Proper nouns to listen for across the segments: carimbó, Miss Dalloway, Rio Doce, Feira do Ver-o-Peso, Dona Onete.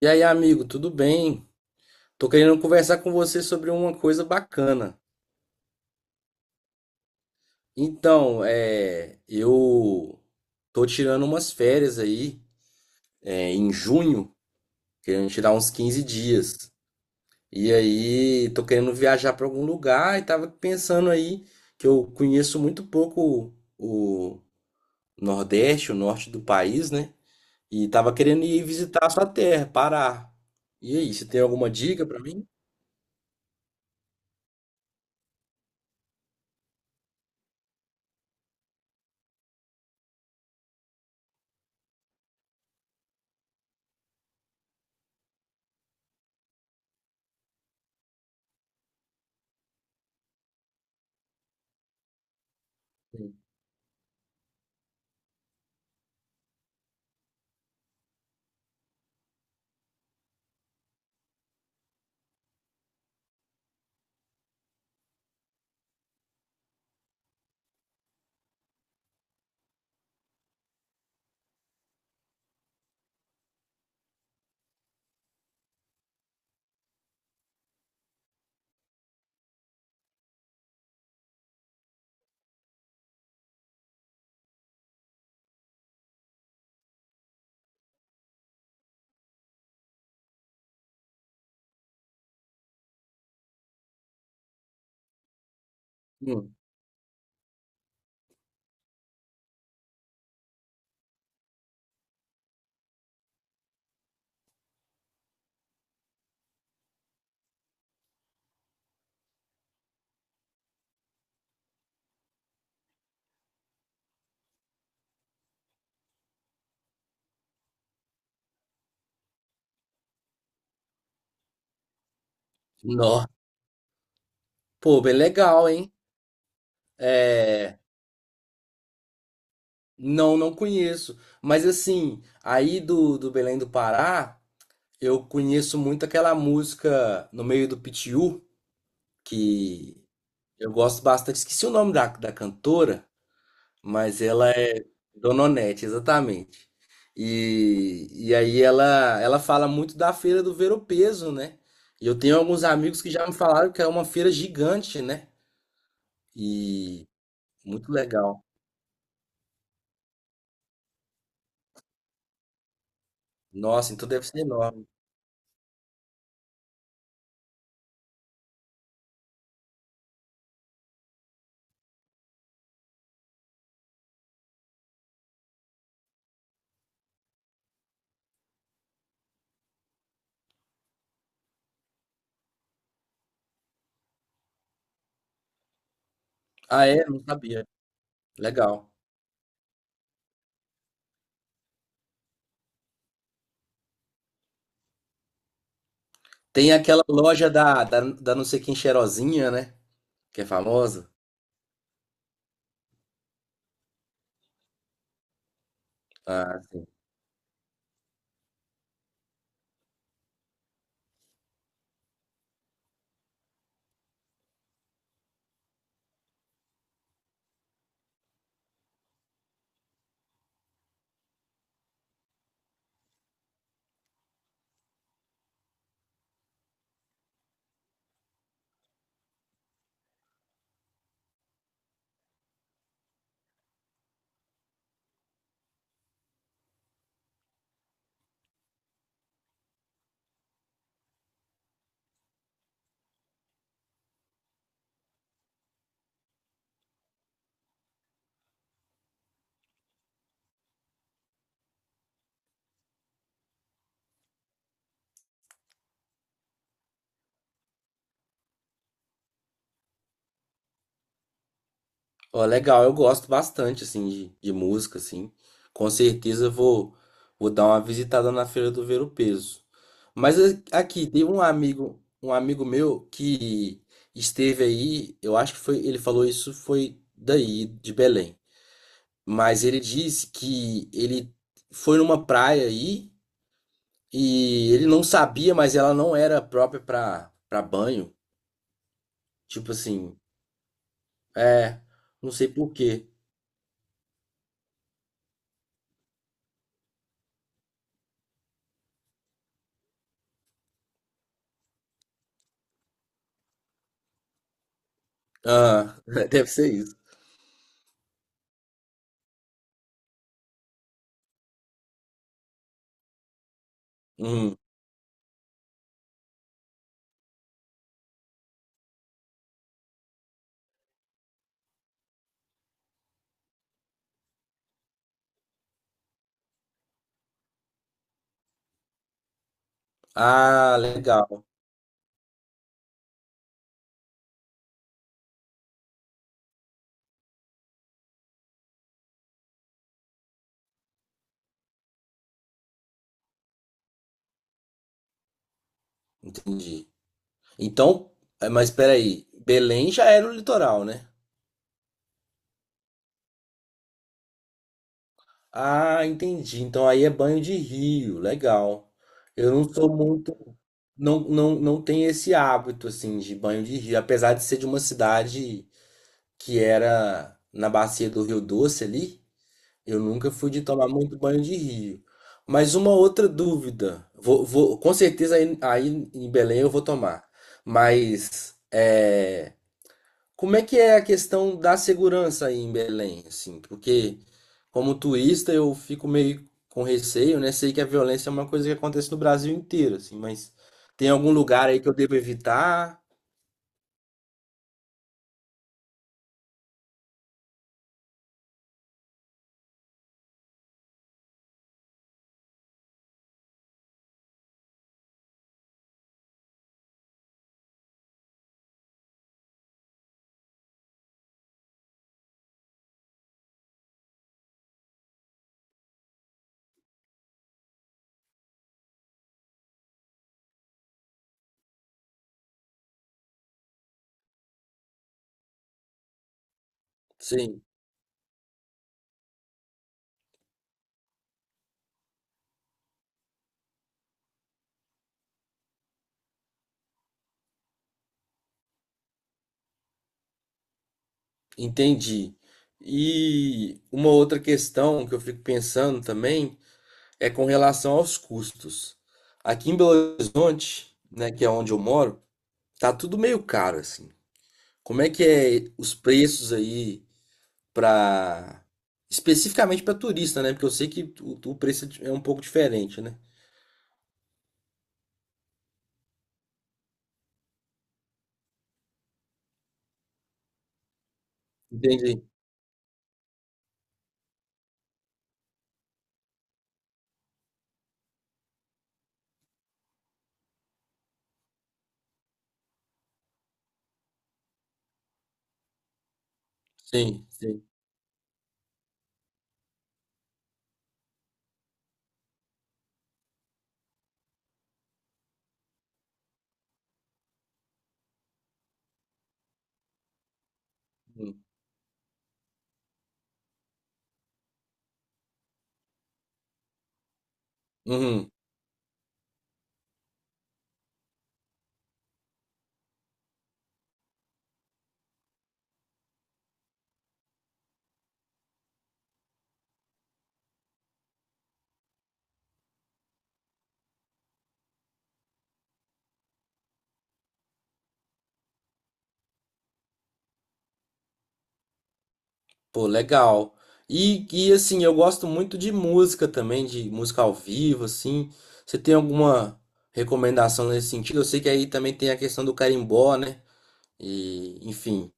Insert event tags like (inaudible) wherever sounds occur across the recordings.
E aí, amigo, tudo bem? Tô querendo conversar com você sobre uma coisa bacana. Então, é, eu tô tirando umas férias aí, é, em junho, querendo tirar uns 15 dias. E aí, tô querendo viajar para algum lugar e tava pensando aí que eu conheço muito pouco o Nordeste, o norte do país, né? E tava querendo ir visitar a sua terra, Pará. E aí, você tem alguma dica para mim? Hum. Pô, bem legal, hein? É, não, não conheço. Mas assim, aí do Belém do Pará, eu conheço muito aquela música No Meio do Pitiú, que eu gosto bastante. Esqueci o nome da cantora, mas ela é Dona Onete, exatamente. E aí ela fala muito da Feira do Ver-o-Peso, né? E eu tenho alguns amigos que já me falaram que é uma feira gigante, né? E muito legal. Nossa, então deve ser enorme. Ah, é? Não sabia. Legal. Tem aquela loja da não sei quem cheirosinha, né? Que é famosa. Ah, sim. Ó, legal. Eu gosto bastante, assim, de música, assim. Com certeza eu vou, vou dar uma visitada na Feira do Ver o Peso. Mas aqui, tem um amigo meu que esteve aí, eu acho que foi, ele falou isso foi daí, de Belém. Mas ele disse que ele foi numa praia aí. E ele não sabia, mas ela não era própria pra banho. Tipo assim, é, não sei por quê. Ah, (laughs) deve ser isso. Hum. Ah, legal, entendi. Então, é, mas peraí, Belém já era o litoral, né? Ah, entendi. Então aí é banho de rio, legal. Eu não sou muito, não, não tenho esse hábito assim de banho de rio, apesar de ser de uma cidade que era na bacia do Rio Doce ali. Eu nunca fui de tomar muito banho de rio. Mas uma outra dúvida. Vou, com certeza aí, aí em Belém eu vou tomar. Mas é, como é que é a questão da segurança aí em Belém, assim? Porque como turista eu fico meio com receio, né? Sei que a violência é uma coisa que acontece no Brasil inteiro, assim, mas tem algum lugar aí que eu devo evitar? Sim, entendi. E uma outra questão que eu fico pensando também é com relação aos custos. Aqui em Belo Horizonte, né, que é onde eu moro, tá tudo meio caro assim. Como é que é os preços aí para especificamente para turista, né? Porque eu sei que o preço é um pouco diferente, né? Entendi. Sim, sim. Hum. Uhum. Pô, legal. E assim, eu gosto muito de música também, de música ao vivo, assim. Você tem alguma recomendação nesse sentido? Eu sei que aí também tem a questão do carimbó, né? E, enfim.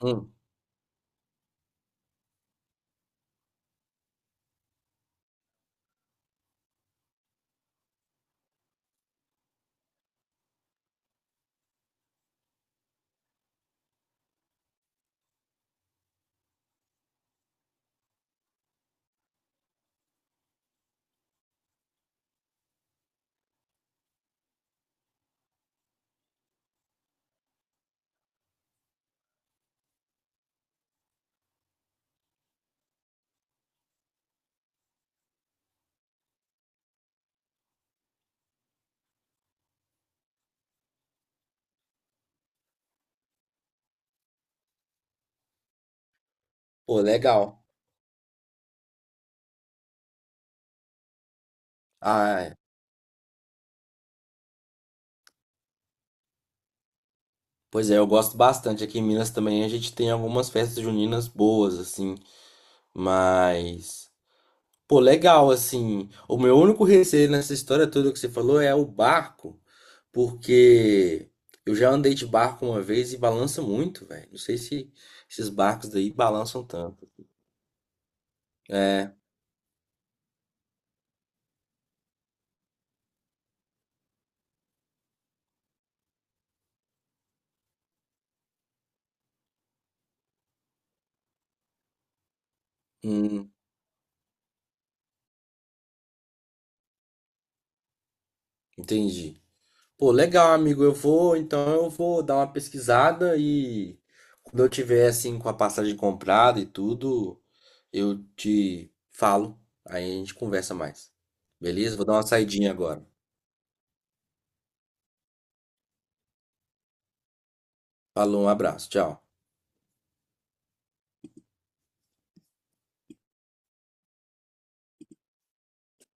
Hum, pô, legal. Ah, pois é, eu gosto bastante. Aqui em Minas também a gente tem algumas festas juninas boas, assim. Mas, pô, legal, assim. O meu único receio nessa história toda que você falou é o barco, porque eu já andei de barco uma vez e balança muito, velho. Não sei se esses barcos daí balançam tanto. É, hum, entendi. Pô, legal, amigo. Eu vou, então eu vou dar uma pesquisada e quando eu tiver assim com a passagem comprada e tudo, eu te falo. Aí a gente conversa mais. Beleza? Vou dar uma saidinha agora. Falou, um abraço, tchau.